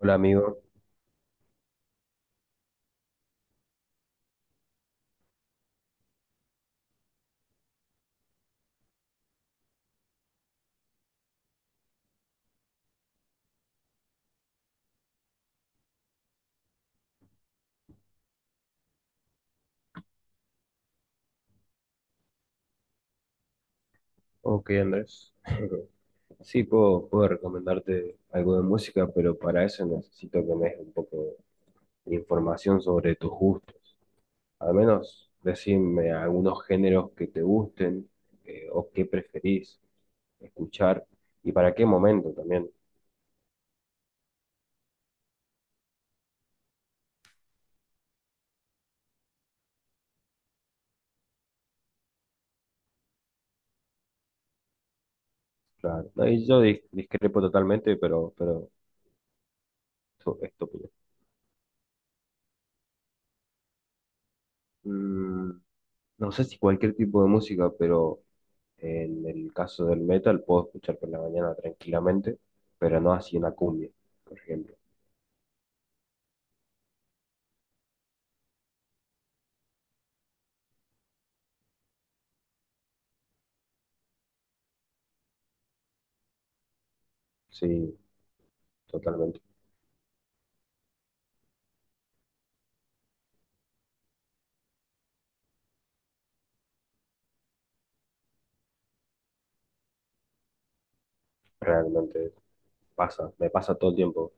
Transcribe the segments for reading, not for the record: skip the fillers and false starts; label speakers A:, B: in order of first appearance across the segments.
A: Hola amigo, ok Andrés. Sí, puedo recomendarte algo de música, pero para eso necesito que me des un poco de información sobre tus gustos. Al menos decirme algunos géneros que te gusten, o que preferís escuchar y para qué momento también. Claro. No, y yo discrepo totalmente, pero esto, esto. Mm, no sé si cualquier tipo de música, pero en el caso del metal puedo escuchar por la mañana tranquilamente, pero no así una cumbia, por ejemplo. Sí, totalmente, realmente pasa, me pasa todo el tiempo,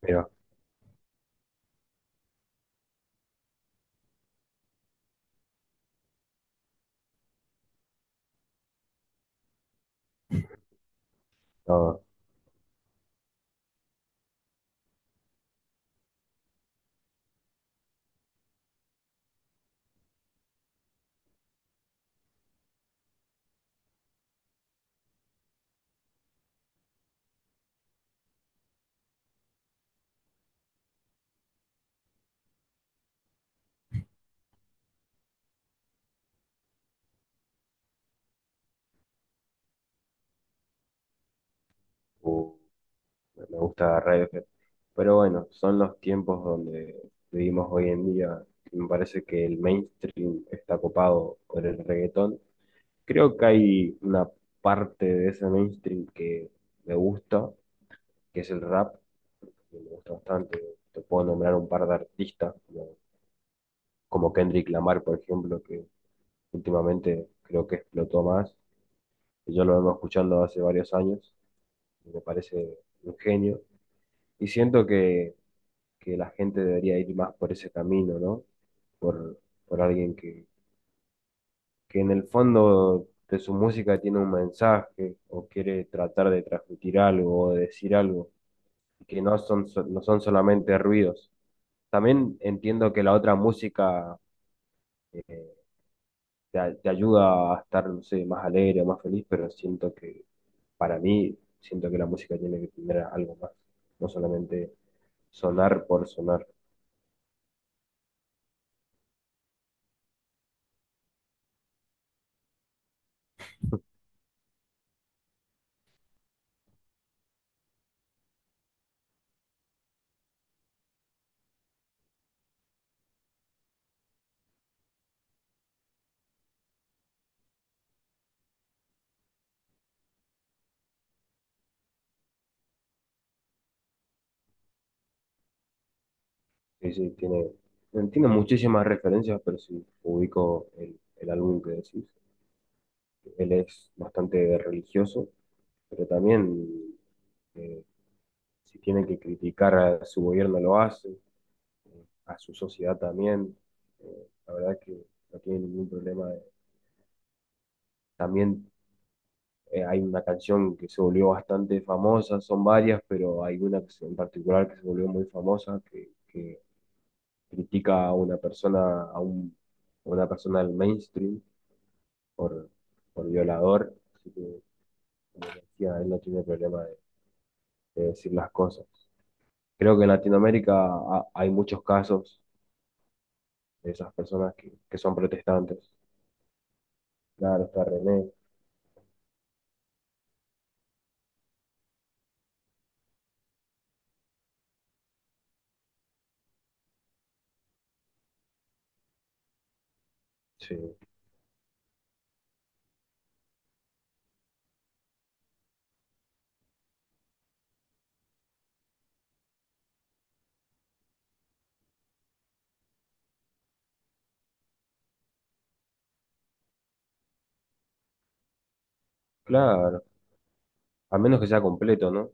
A: pero no, uh, me gusta Radiohead. Pero bueno, son los tiempos donde vivimos hoy en día. Me parece que el mainstream está copado por el reggaetón. Creo que hay una parte de ese mainstream que me gusta, que es el rap, que me gusta bastante. Te puedo nombrar un par de artistas, como Kendrick Lamar, por ejemplo, que últimamente creo que explotó más. Y yo lo vengo escuchando hace varios años y me parece un genio. Y siento que la gente debería ir más por ese camino, ¿no? Por, por alguien que en el fondo de su música tiene un mensaje o quiere tratar de transmitir algo o de decir algo, que no son, no son solamente ruidos. También entiendo que la otra música eh, te ayuda a estar, no sé, más alegre, más feliz, pero siento que para mí, siento que la música tiene que tener algo más, no solamente sonar por sonar. Sí, sí, tiene muchísimas referencias, pero si ubico el álbum que decís, él es bastante religioso, pero también eh, si tiene que criticar a su gobierno lo hace, a su sociedad también, la verdad que no tiene ningún problema. También, hay una canción que se volvió bastante famosa, son varias, pero hay una en particular que se volvió muy famosa, que critica a una persona, a una persona del mainstream por, por violador. Así que, como decía, él no tiene problema de decir las cosas. Creo que en Latinoamérica hay muchos casos de esas personas que son protestantes. Claro, está René. Sí, claro, a menos que sea completo, ¿no?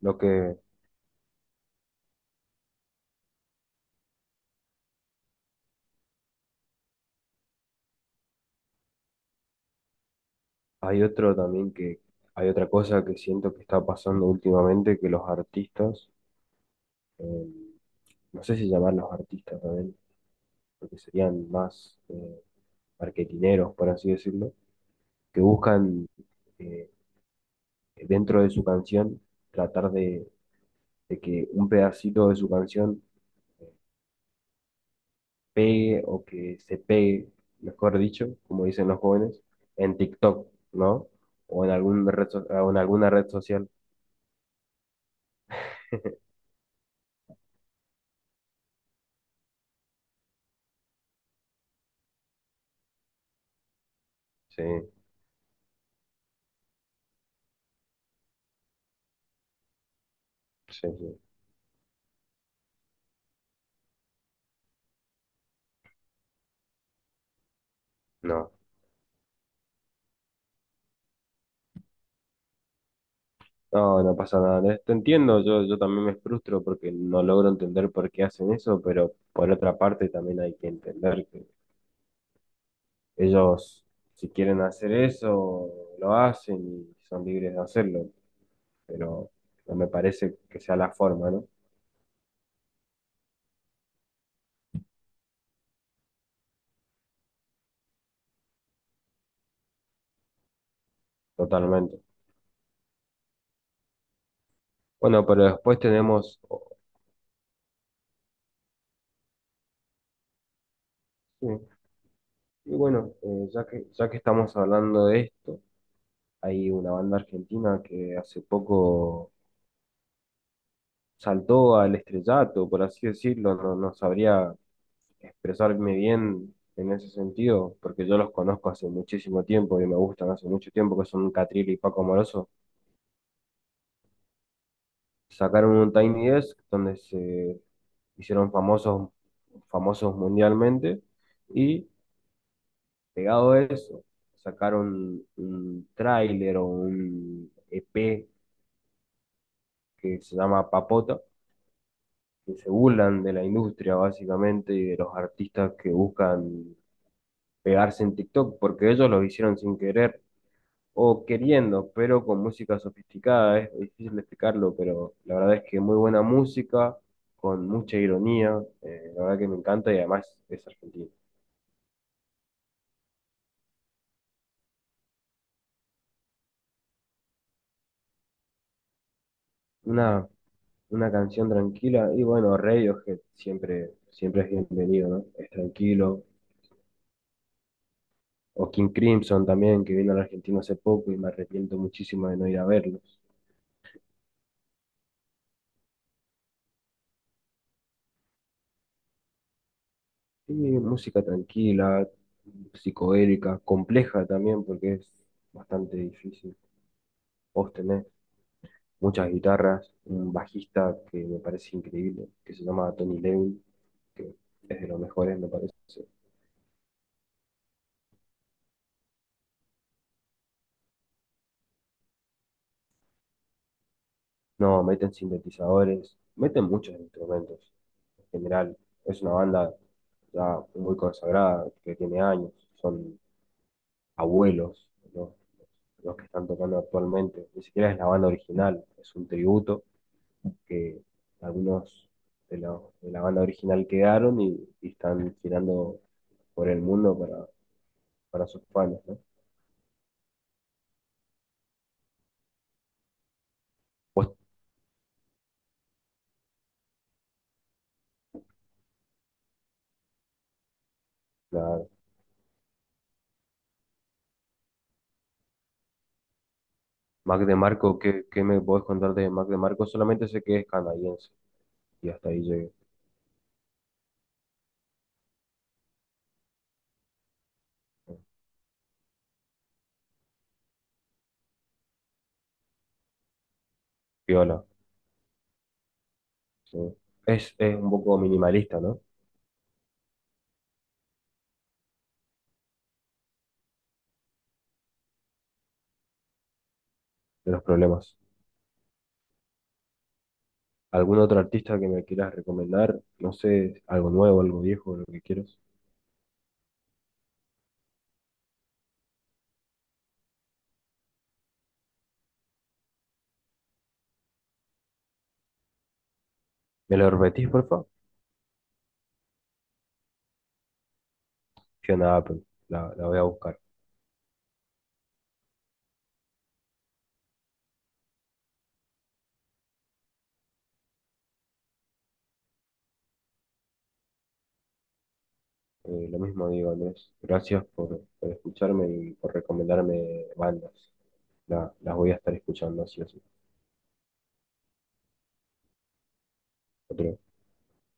A: Lo que Hay hay otra cosa que siento que está pasando últimamente, que los artistas, eh, no sé si llamarlos artistas también, porque serían más marketineros, por así decirlo, que buscan eh, dentro de su canción tratar de que un pedacito de su canción eh, pegue o que se pegue, mejor dicho, como dicen los jóvenes, en TikTok, ¿no? O en algún o en alguna red social. Sí, sí, sí. No. No, no pasa nada, ¿eh? Te entiendo, yo también me frustro porque no logro entender por qué hacen eso, pero por otra parte también hay que entender que ellos, si quieren hacer eso, lo hacen y son libres de hacerlo, pero no me parece que sea la forma, ¿no? Totalmente. Bueno, pero después sí, y bueno, ya ya que estamos hablando de esto, hay una banda argentina que hace poco saltó al estrellato, por así decirlo, no, no sabría expresarme bien en ese sentido, porque yo los conozco hace muchísimo tiempo y me gustan hace mucho tiempo, que son Catril y Paco Amoroso. Sacaron un Tiny Desk donde se hicieron famosos, famosos mundialmente y pegado a eso, sacaron un tráiler o un EP que se llama Papota, que se burlan de la industria básicamente y de los artistas que buscan pegarse en TikTok, porque ellos lo hicieron sin querer o queriendo, pero con música sofisticada, es difícil explicarlo, pero la verdad es que muy buena música, con mucha ironía, la verdad que me encanta y además es argentino. Una, una canción tranquila y bueno, Radiohead siempre, siempre es bienvenido, ¿no? Es tranquilo. O King Crimson también, que vino a la Argentina hace poco y me arrepiento muchísimo de no ir a verlos. Sí, música tranquila, psicodélica, compleja también porque es bastante difícil. Vos tenés muchas guitarras, un bajista que me parece increíble, que se llama Tony Levin, que es de los mejores, me parece. No, meten sintetizadores, meten muchos instrumentos en general. Es una banda ya muy consagrada, que tiene años, son abuelos, ¿no? Los que están tocando actualmente. Ni siquiera es la banda original, es un tributo que algunos de la banda original quedaron y están girando por el mundo para sus fans, ¿no? Pues, la- Mac DeMarco, ¿qué me podés contar de Mac DeMarco? Solamente sé que es canadiense y hasta ahí llegué. Viola. Sí. Es un poco minimalista, ¿no? De los problemas. ¿Algún otro artista que me quieras recomendar? No sé, algo nuevo, algo viejo, lo que quieras. ¿Me lo repetís, por favor? Fiona Apple, la voy a buscar. Lo mismo digo, Andrés. Gracias por escucharme y por recomendarme bandas. Las voy a estar escuchando, así o sí. Otro